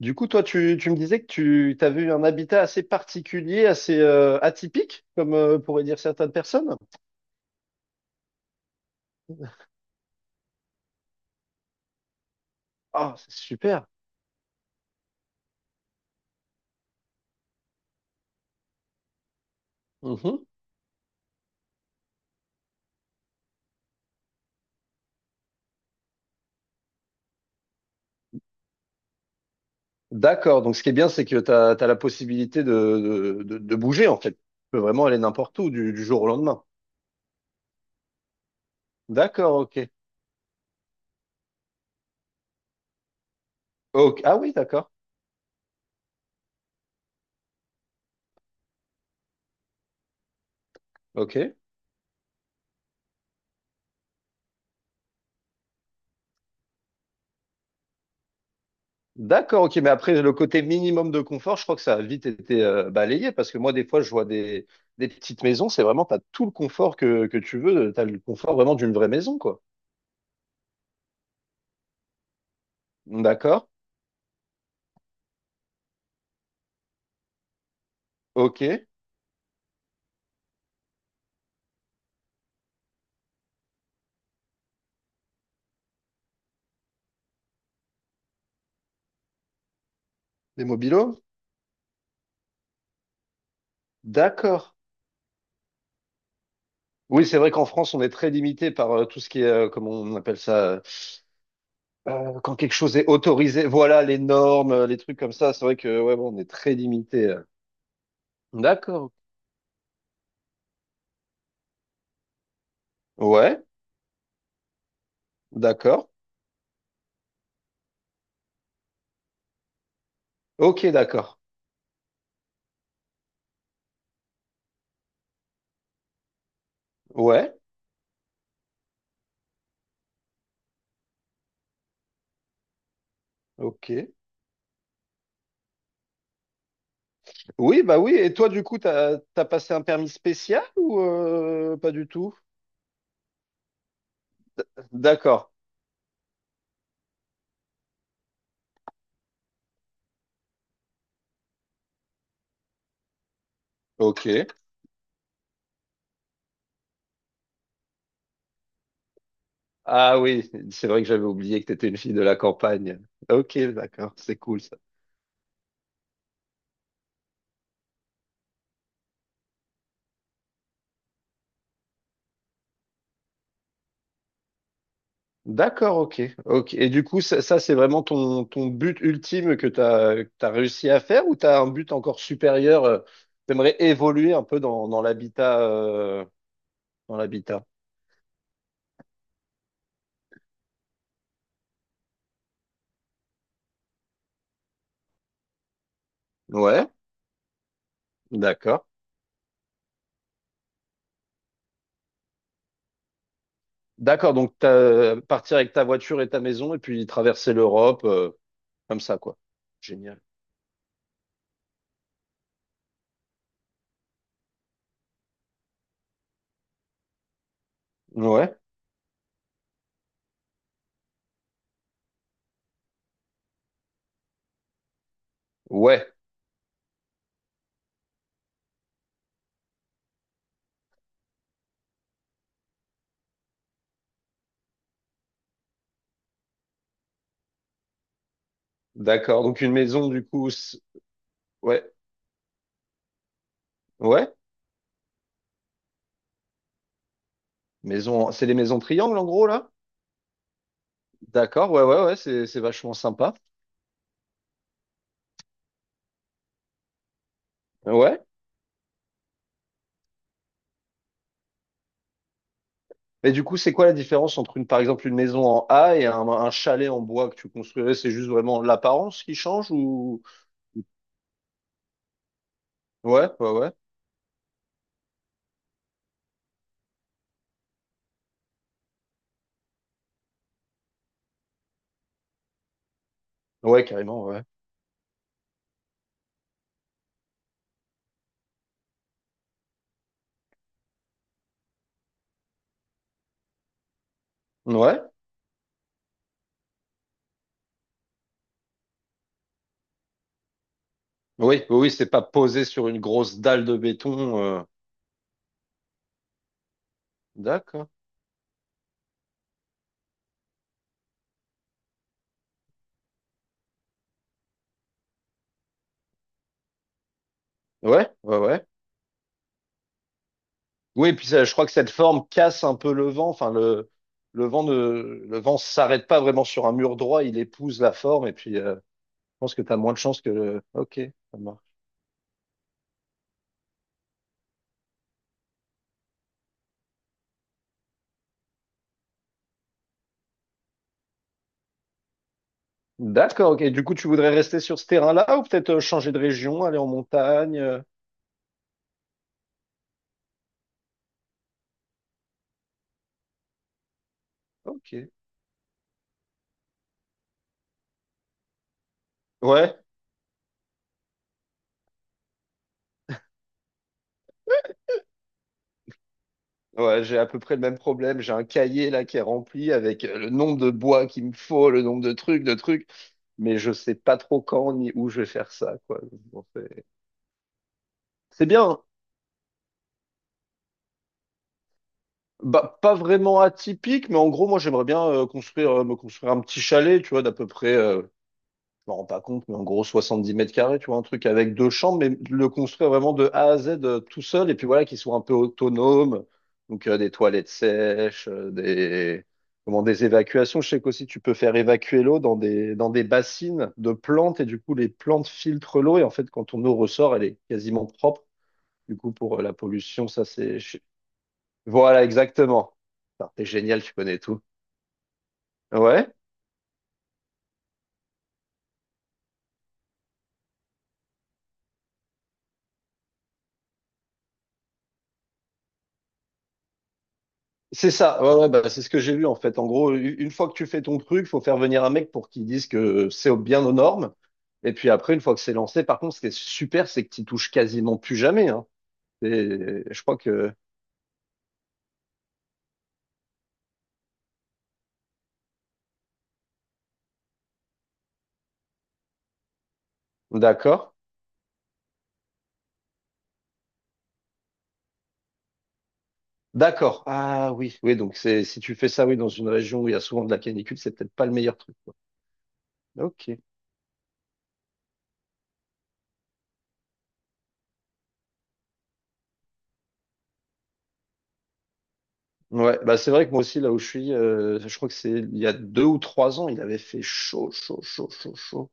Du coup, toi, tu me disais que tu avais eu un habitat assez particulier, assez atypique, comme pourraient dire certaines personnes. Ah, c'est super. Mhm. D'accord. Donc, ce qui est bien, c'est que tu as la possibilité de bouger, en fait. Tu peux vraiment aller n'importe où du jour au lendemain. D'accord, ok. Ok. Ah oui, d'accord. Ok. D'accord, ok. Mais après, le côté minimum de confort, je crois que ça a vite été balayé, parce que moi, des fois, je vois des petites maisons, c'est vraiment, t'as tout le confort que tu veux. T'as le confort vraiment d'une vraie maison, quoi. D'accord. Ok. Des mobilos? D'accord. Oui, c'est vrai qu'en France, on est très limité par tout ce qui est, comment on appelle ça, quand quelque chose est autorisé. Voilà, les normes, les trucs comme ça. C'est vrai que, ouais, bon, on est très limité. D'accord. Ouais, d'accord. Ok, d'accord. Ouais, ok. Oui, bah oui. Et toi, du coup, t'as passé un permis spécial ou pas du tout? D'accord. Ok. Ah oui, c'est vrai que j'avais oublié que t'étais une fille de la campagne. Ok, d'accord. C'est cool ça. D'accord, ok, ok. Et du coup, c'est vraiment ton but ultime que tu as réussi à faire, ou tu as un but encore supérieur? T'aimerais évoluer un peu dans l'habitat. Ouais, d'accord. D'accord, donc t'as, partir avec ta voiture et ta maison et puis traverser l'Europe, comme ça, quoi. Génial. Ouais, ouais, d'accord. Donc une maison, du coup, c'est- ouais, ouais. Maison, c'est les maisons triangles en gros, là? D'accord, ouais, ouais, ouais, c'est vachement sympa. Ouais. Mais du coup, c'est quoi la différence entre une, par exemple, une maison en A et un chalet en bois que tu construirais? C'est juste vraiment l'apparence qui change, ou? Ouais, ouais, ouais. Ouais, carrément, ouais. Ouais. Oui, oui, oui, c'est pas posé sur une grosse dalle de béton. D'accord. Ouais, ouais, ouais. Oui, puis ça, je crois que cette forme casse un peu le vent. Enfin, le vent ne, le vent s'arrête pas vraiment sur un mur droit. Il épouse la forme et puis, je pense que t'as moins de chance que le, ok. Ça marche. D'accord, ok. Du coup, tu voudrais rester sur ce terrain-là ou peut-être changer de région, aller en montagne? Ok. Ouais, ouais, j'ai à peu près le même problème. J'ai un cahier là qui est rempli avec le nombre de bois qu'il me faut, le nombre de trucs, mais je sais pas trop quand ni où je vais faire ça, quoi. Donc, bon, c'est bien. Hein. Bah, pas vraiment atypique, mais en gros, moi, j'aimerais bien construire, me construire un petit chalet, tu vois, d'à peu près je me rends pas compte, mais en gros 70 mètres carrés, tu vois, un truc avec deux chambres, mais le construire vraiment de A à Z, tout seul, et puis voilà, qu'il soit un peu autonome, donc des toilettes sèches, des évacuations. Je sais qu'aussi tu peux faire évacuer l'eau dans des bassines de plantes, et du coup les plantes filtrent l'eau, et en fait quand ton eau ressort, elle est quasiment propre. Du coup pour la pollution, voilà exactement. Putain, t'es génial, tu connais tout. Ouais. C'est ça, ouais, ouais, bah, c'est ce que j'ai lu en fait. En gros, une fois que tu fais ton truc, faut faire venir un mec pour qu'il dise que c'est bien aux normes. Et puis après, une fois que c'est lancé, par contre, ce qui est super, c'est que tu touches quasiment plus jamais. Hein. Et je crois que. D'accord. D'accord. Ah oui, oui, donc c'est, si tu fais ça, oui, dans une région où il y a souvent de la canicule, c'est peut-être pas le meilleur truc. Quoi. Ok. Ouais, bah c'est vrai que moi aussi, là où je suis, je crois que c'est il y a deux ou trois ans, il avait fait chaud, chaud, chaud, chaud, chaud.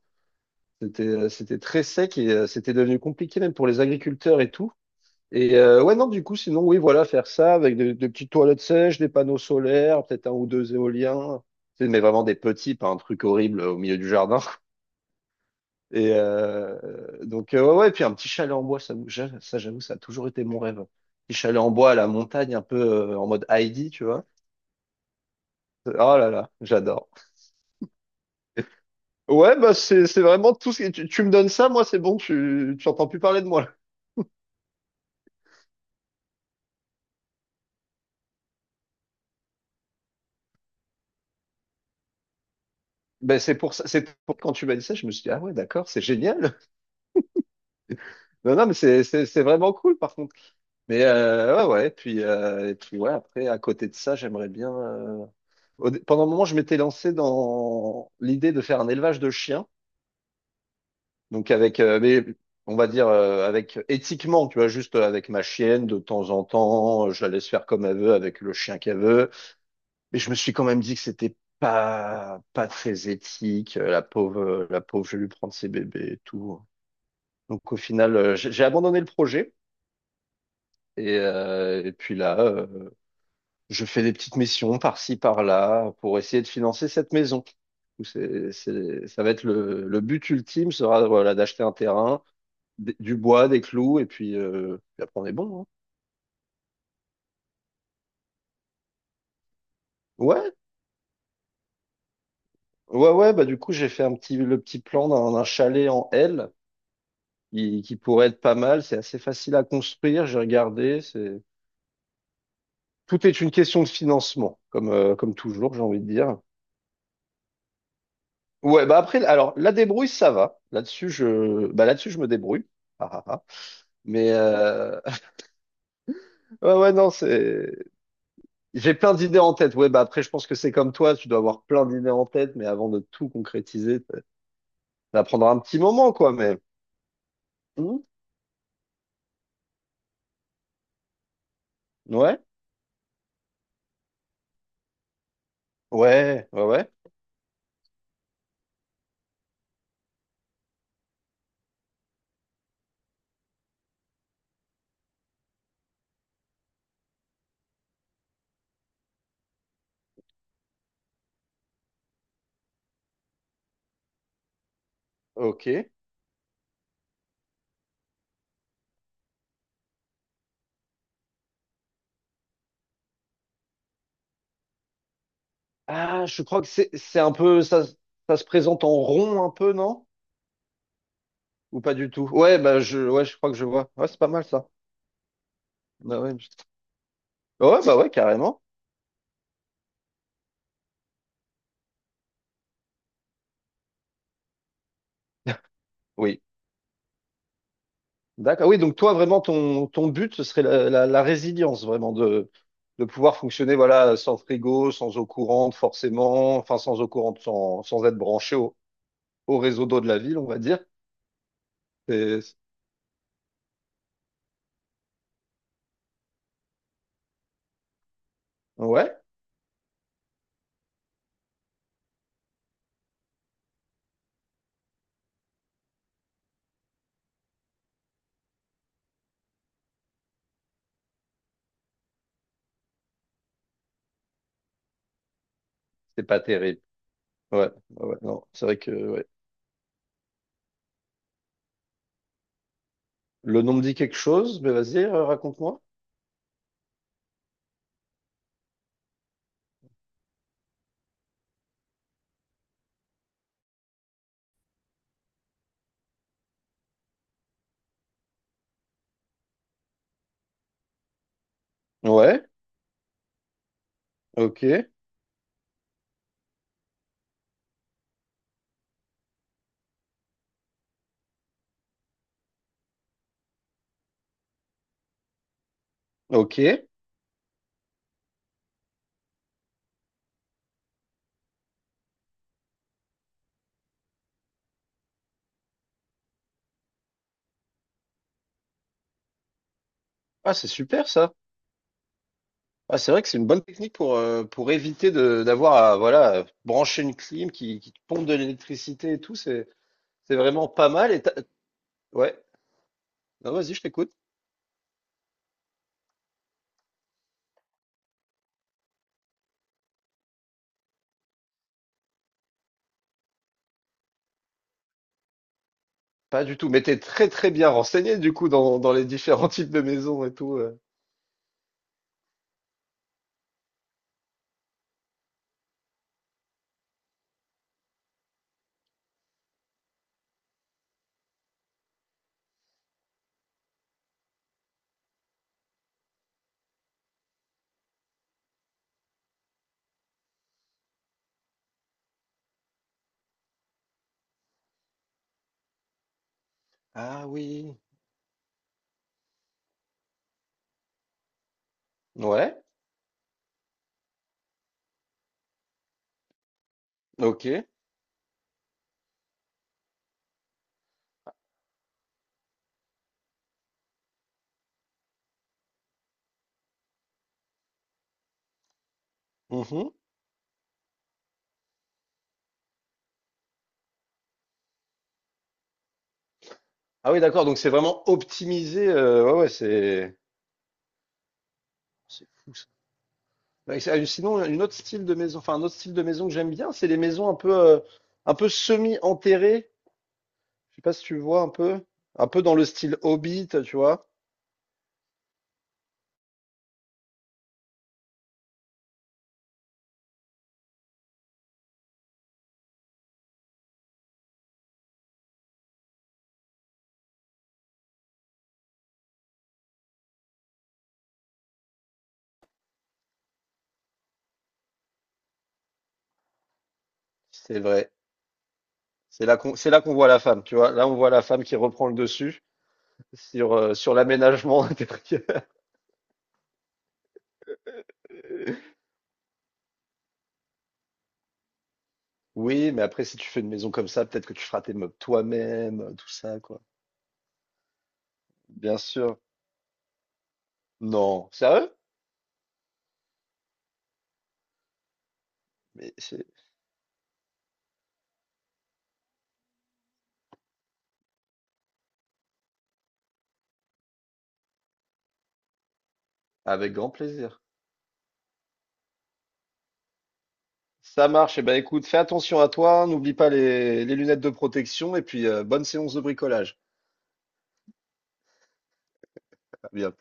C'était, c'était très sec et c'était devenu compliqué même pour les agriculteurs et tout. Et ouais, non, du coup, sinon, oui, voilà, faire ça avec des petites toilettes sèches, des panneaux solaires, peut-être un ou deux éoliens. Tu sais, mais vraiment des petits, pas un truc horrible au milieu du jardin. Et ouais, ouais, et puis un petit chalet en bois, ça, ça j'avoue, ça a toujours été mon rêve. Petit chalet en bois à la montagne, un peu en mode Heidi, tu vois. Oh là là, j'adore. Ouais, bah c'est vraiment tout, ce que tu me donnes ça, moi c'est bon, tu entends plus parler de moi. Ben c'est pour ça, quand tu m'as dit ça, je me suis dit, ah ouais, d'accord, c'est génial. Non, non, mais c'est vraiment cool par contre. Mais ouais, ouais, puis, et puis ouais, après, à côté de ça, j'aimerais bien. Pendant un moment, je m'étais lancé dans l'idée de faire un élevage de chiens. Donc avec, mais on va dire avec éthiquement, tu vois, juste avec ma chienne, de temps en temps, je la laisse faire comme elle veut avec le chien qu'elle veut. Mais je me suis quand même dit que c'était pas très éthique. La pauvre, je vais lui prendre ses bébés et tout. Donc au final, j'ai abandonné le projet, et je fais des petites missions par-ci, par-là pour essayer de financer cette maison. Ça va être le, but ultime, sera voilà, d'acheter un terrain, du bois, des clous et puis, puis après on est bon. Hein. Ouais, ouais, ouais. Bah du coup j'ai fait un petit, le petit plan d'un chalet en L qui pourrait être pas mal. C'est assez facile à construire. J'ai regardé. C'est, tout est une question de financement, comme comme toujours, j'ai envie de dire. Ouais, bah après, alors la débrouille, ça va. Là-dessus, je, bah là-dessus, je me débrouille. Ah, ah, ah. Mais ouais, ouais, non, c'est. J'ai plein d'idées en tête. Ouais, bah après, je pense que c'est comme toi, tu dois avoir plein d'idées en tête, mais avant de tout concrétiser, ça prendra un petit moment, quoi. Mais Hmm. Ouais, ouais, ouais, ouais. Ok. Ah, je crois que c'est un peu ça, ça se présente en rond un peu, non? Ou pas du tout? Ouais, ouais, je crois que je vois. Ouais, c'est pas mal ça. Bah ouais, je- ouais, bah ouais, carrément. Oui. D'accord. Oui, donc toi, vraiment, ton but, ce serait la résilience, vraiment, de pouvoir fonctionner, voilà, sans frigo, sans eau courante, forcément, enfin, sans eau courante, sans être branché au, au réseau d'eau de la ville, on va dire. C'est- ouais, c'est pas terrible. Ouais, ouais, ouais, non, c'est vrai que ouais. Le nom me dit quelque chose, mais vas-y, raconte-moi. Ouais, ok, ok. Ah, c'est super ça. Ah, c'est vrai que c'est une bonne technique pour éviter de d'avoir à voilà, brancher une clim qui te pompe de l'électricité et tout. C'est vraiment pas mal et t'as- Ouais. Non, vas-y, je t'écoute. Pas du tout. Mais t'es très très bien renseigné du coup dans, dans les différents types de maisons et tout. Ah oui. Ouais. Ok. Mhm. Ah oui, d'accord. Donc c'est vraiment optimisé. Ouais, ouais, c'est fou ça. Sinon, une autre style de maison, enfin un autre style de maison que j'aime bien, c'est les maisons un peu semi-enterrées. Je sais pas si tu vois un peu dans le style Hobbit, tu vois. C'est vrai. C'est là qu'on voit la femme, tu vois. Là, on voit la femme qui reprend le dessus sur, sur l'aménagement intérieur. Oui, mais après, si tu fais une maison comme ça, peut-être que tu feras tes meubles toi-même, tout ça, quoi. Bien sûr. Non. Sérieux? Mais c'est avec grand plaisir. Ça marche. Eh ben, écoute, fais attention à toi. N'oublie pas les, les lunettes de protection et puis bonne séance de bricolage. À bientôt.